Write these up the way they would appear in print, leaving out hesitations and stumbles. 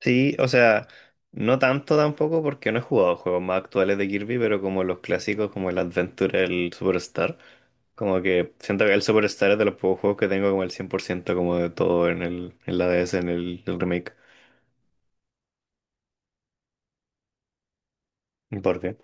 Sí, o sea, no tanto tampoco porque no he jugado juegos más actuales de Kirby, pero como los clásicos como el Adventure, el Superstar, como que siento que el Superstar es de los pocos juegos que tengo como el 100% como de todo en el en la DS, en el remake. ¿Por qué?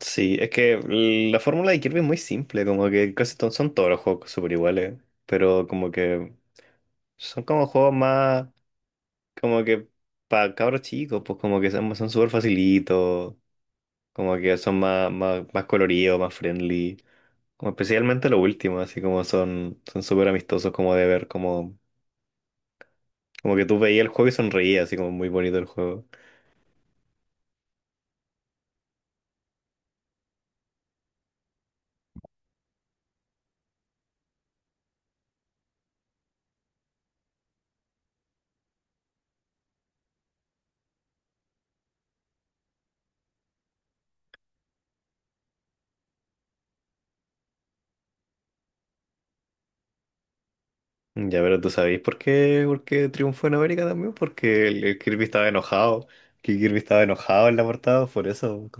Sí, es que la fórmula de Kirby es muy simple, como que casi son todos los juegos súper iguales, pero como que son como juegos más como que para cabros chicos, pues como que son súper facilitos, como que son más coloridos, más friendly. Como especialmente lo último, así como son súper amistosos como de ver, como que tú veías el juego y sonreías, así como muy bonito el juego. Ya, pero tú sabéis por qué triunfó en América también, porque el Kirby estaba enojado, que Kirby estaba enojado en la portada, por eso.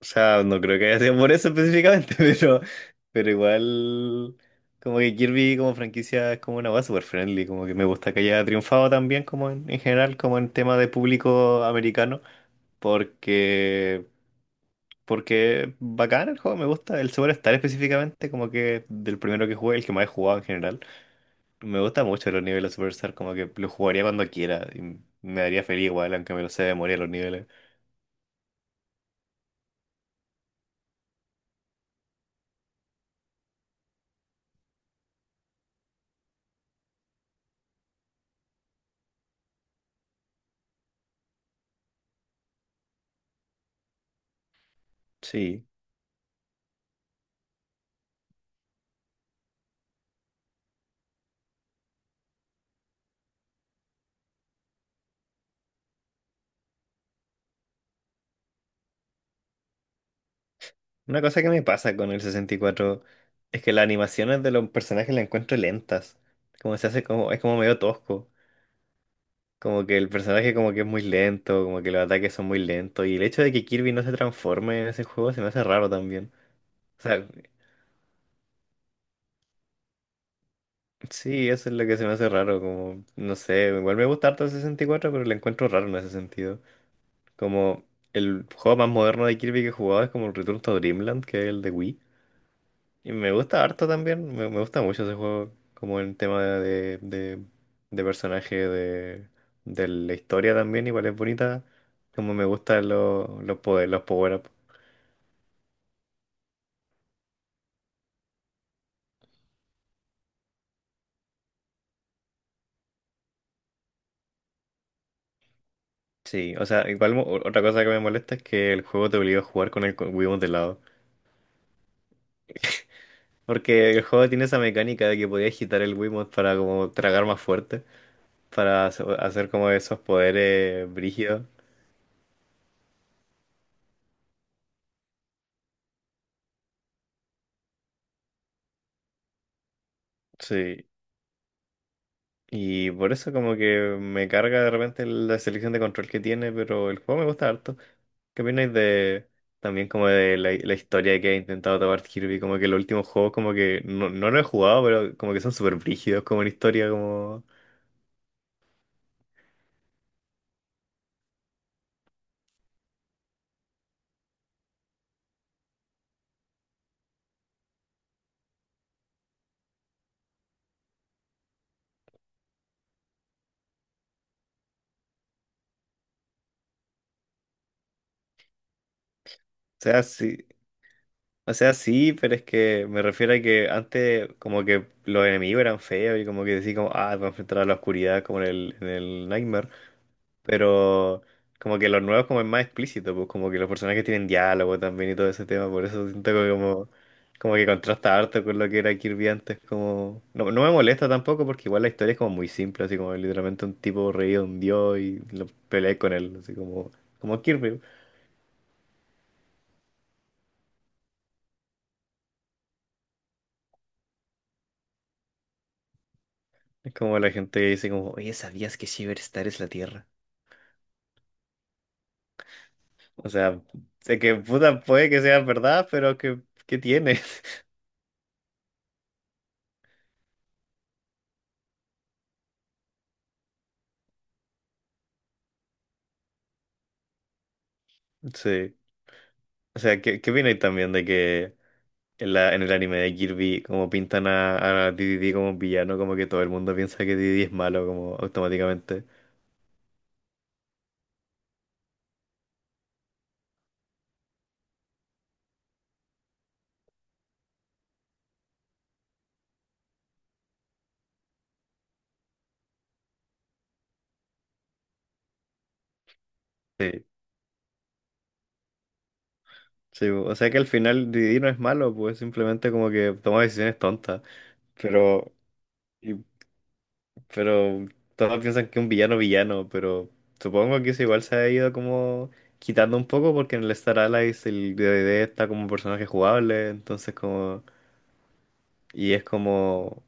O sea, no creo que haya sido por eso específicamente, pero igual, como que Kirby como franquicia es como una base super friendly, como que me gusta que haya triunfado también como en general, como en tema de público americano, porque, porque bacán el juego, me gusta, el Superstar específicamente, como que del primero que jugué, el que más he jugado en general, me gusta mucho los niveles de Superstar, como que lo jugaría cuando quiera, y me daría feliz igual, aunque me lo sé de memoria los niveles. Sí. Una cosa que me pasa con el 64 es que las animaciones de los personajes las encuentro lentas. Como se hace como, es como medio tosco. Como que el personaje como que es muy lento, como que los ataques son muy lentos. Y el hecho de que Kirby no se transforme en ese juego se me hace raro también. O sea, sí, eso es lo que se me hace raro. Como, no sé, igual me gusta harto el 64 pero lo encuentro raro en ese sentido. Como el juego más moderno de Kirby que he jugado es como el Return to Dreamland, que es el de Wii. Y me gusta harto también, me gusta mucho ese juego, como el tema de personaje, de la historia también, igual es bonita, como me gustan los poderes, los power-up. Sí, o sea, igual otra cosa que me molesta es que el juego te obliga a jugar con el Wiimote de lado. Porque el juego tiene esa mecánica de que podías agitar el Wiimote para como tragar más fuerte, para hacer como esos poderes brígidos. Sí, y por eso como que me carga de repente la selección de control que tiene, pero el juego me gusta harto. ¿Qué opináis de también como de la historia que ha intentado tomar Kirby? Como que los últimos juegos como que no, no lo he jugado, pero como que son súper brígidos como en historia, como. Sea, sí, o sea, sí, pero es que me refiero a que antes como que los enemigos eran feos y como que decís como, ah, voy a enfrentar a la oscuridad como en el Nightmare. Pero como que los nuevos como es más explícito, pues como que los personajes tienen diálogo también y todo ese tema, por eso siento que como que contrasta harto con lo que era Kirby antes, como. No, no me molesta tampoco porque igual la historia es como muy simple, así como literalmente un tipo reído, un dios y lo peleé con él, así como, como Kirby. Es como la gente que dice como, oye, ¿sabías que Shiverstar es la Tierra? O sea, sé que puta puede que sea verdad, pero que, ¿qué tiene? Sí. O sea, ¿qué opináis también de que. En el anime de Kirby, como pintan a DDD como un villano, como que todo el mundo piensa que DDD es malo, como automáticamente. Sí. Sí, o sea que al final Didi no es malo, pues simplemente como que toma decisiones tontas. Pero, y- pero todos piensan que un villano villano, pero supongo que eso igual se ha ido como quitando un poco porque en el Star Allies el DDD está como un personaje jugable, entonces como. Y es como.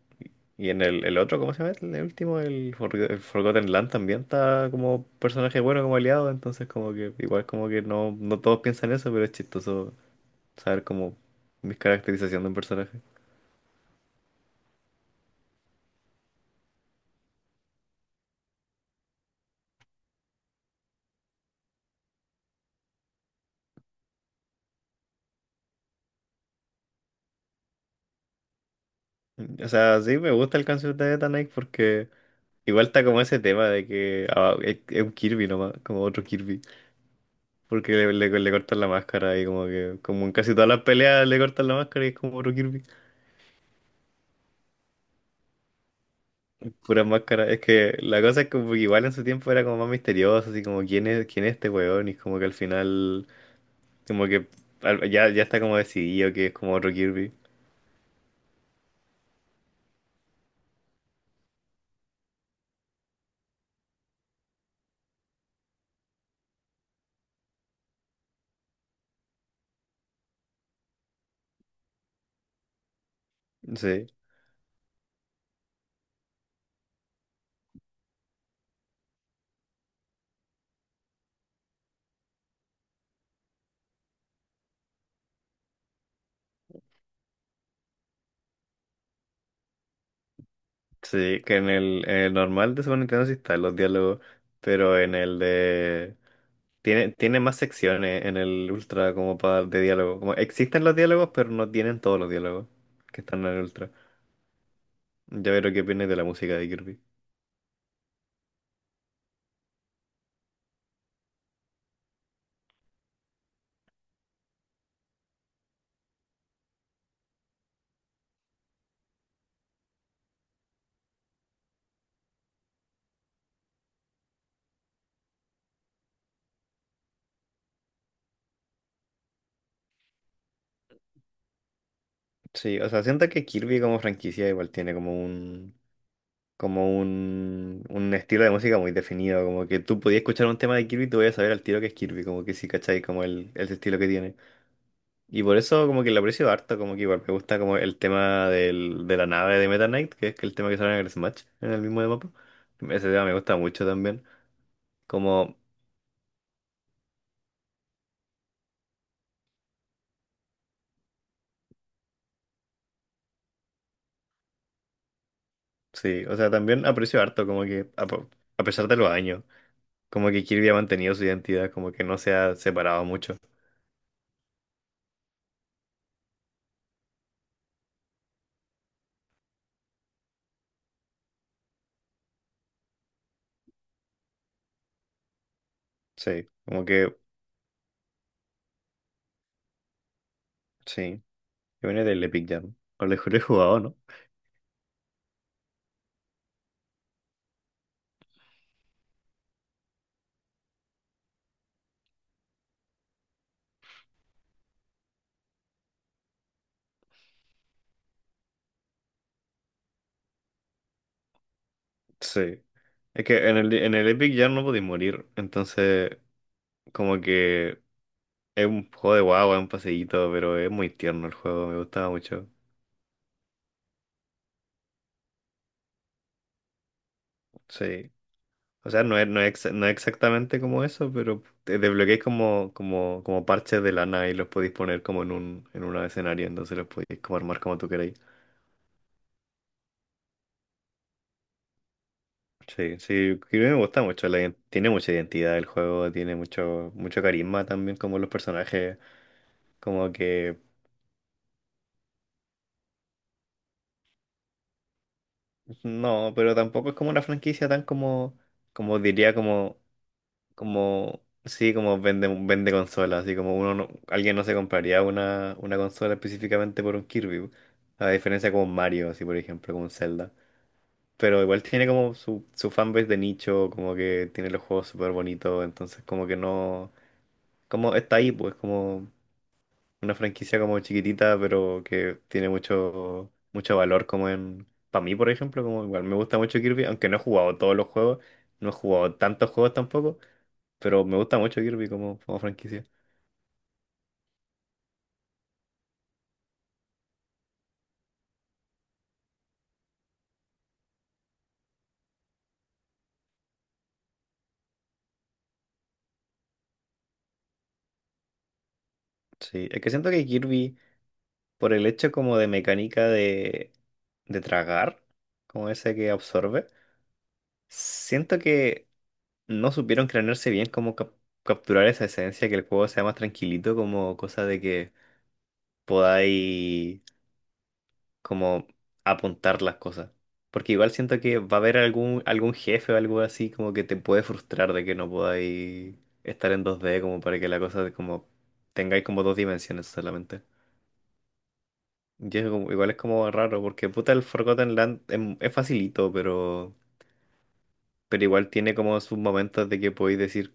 Y en el otro, ¿cómo se llama? El último, el Forgotten Land también está como personaje bueno, como aliado, entonces como que igual como que no, no todos piensan eso, pero es chistoso saber como mis caracterización de un personaje. O sea, sí, me gusta el canción de Eta Knight porque igual está como ese tema de que ah, es un Kirby nomás, como otro Kirby, porque le cortan la máscara y como que como en casi todas las peleas le cortan la máscara y es como otro Kirby. Puras máscaras. Es que la cosa es que igual en su tiempo era como más misterioso, así como quién es este weón, y como que al final, como que ya, ya está como decidido que es como otro Kirby. Sí, sí, que en el normal de Super Nintendo sí están los diálogos, pero en el de. Tiene más secciones en el Ultra como para de diálogo. Como existen los diálogos, pero no tienen todos los diálogos que están en el Ultra. Ya veré qué opinas de la música de Kirby. Sí, o sea, siento que Kirby como franquicia igual tiene como un, un estilo de música muy definido, como que tú podías escuchar un tema de Kirby y tú podías saber al tiro que es Kirby, como que sí, ¿cachai? Como el estilo que tiene. Y por eso como que lo aprecio harto, como que igual me gusta como el tema del, de la nave de Meta Knight, que es el tema que sale en el Smash, en el mismo de mapa. Ese tema me gusta mucho también. Como, sí, o sea, también aprecio harto, como que a pesar de los años, como que Kirby ha mantenido su identidad, como que no se ha separado mucho. Sí, como que, sí, que viene del Epic Jam. O lo he jugado, ¿no? Sí. Es que en el Epic ya no podéis morir. Entonces, como que es un juego de guagua, es un paseíto, pero es muy tierno el juego, me gustaba mucho. Sí. O sea, no es exactamente como eso, pero te desbloqueáis como parches de lana y los podéis poner como en un escenario, entonces los podéis como armar como tú queráis. Sí, sí, creo que me gusta mucho. Tiene mucha identidad el juego, tiene mucho, mucho carisma también como los personajes. Como que. No, pero tampoco es como una franquicia tan como, como diría, como, sí, como vende consolas, así como uno no- alguien no se compraría una consola específicamente por un Kirby, a diferencia como un Mario, así por ejemplo, como un Zelda. Pero igual tiene como su fanbase de nicho, como que tiene los juegos súper bonitos, entonces como que no, como está ahí, pues como una franquicia como chiquitita, pero que tiene mucho, mucho valor como en. Para mí, por ejemplo, como igual me gusta mucho Kirby, aunque no he jugado todos los juegos, no he jugado tantos juegos tampoco, pero me gusta mucho Kirby como franquicia. Sí, es que siento que Kirby, por el hecho como de mecánica de tragar, como ese que absorbe, siento que no supieron cranearse bien como capturar esa esencia, que el juego sea más tranquilito, como cosa de que podáis como apuntar las cosas. Porque igual siento que va a haber algún jefe o algo así como que te puede frustrar de que no podáis estar en 2D como para que la cosa como tengáis como dos dimensiones solamente. Y es igual es como raro porque puta el Forgotten Land es, facilito, pero igual tiene como sus momentos de que podéis decir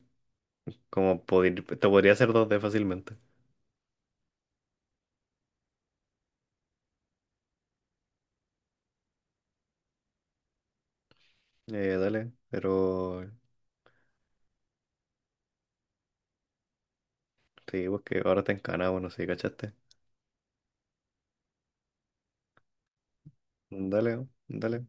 como poder, te podría hacer 2D fácilmente. Dale, pero sí, pues que ahora te encana, bueno, sí, ¿cachaste? Dale, dale.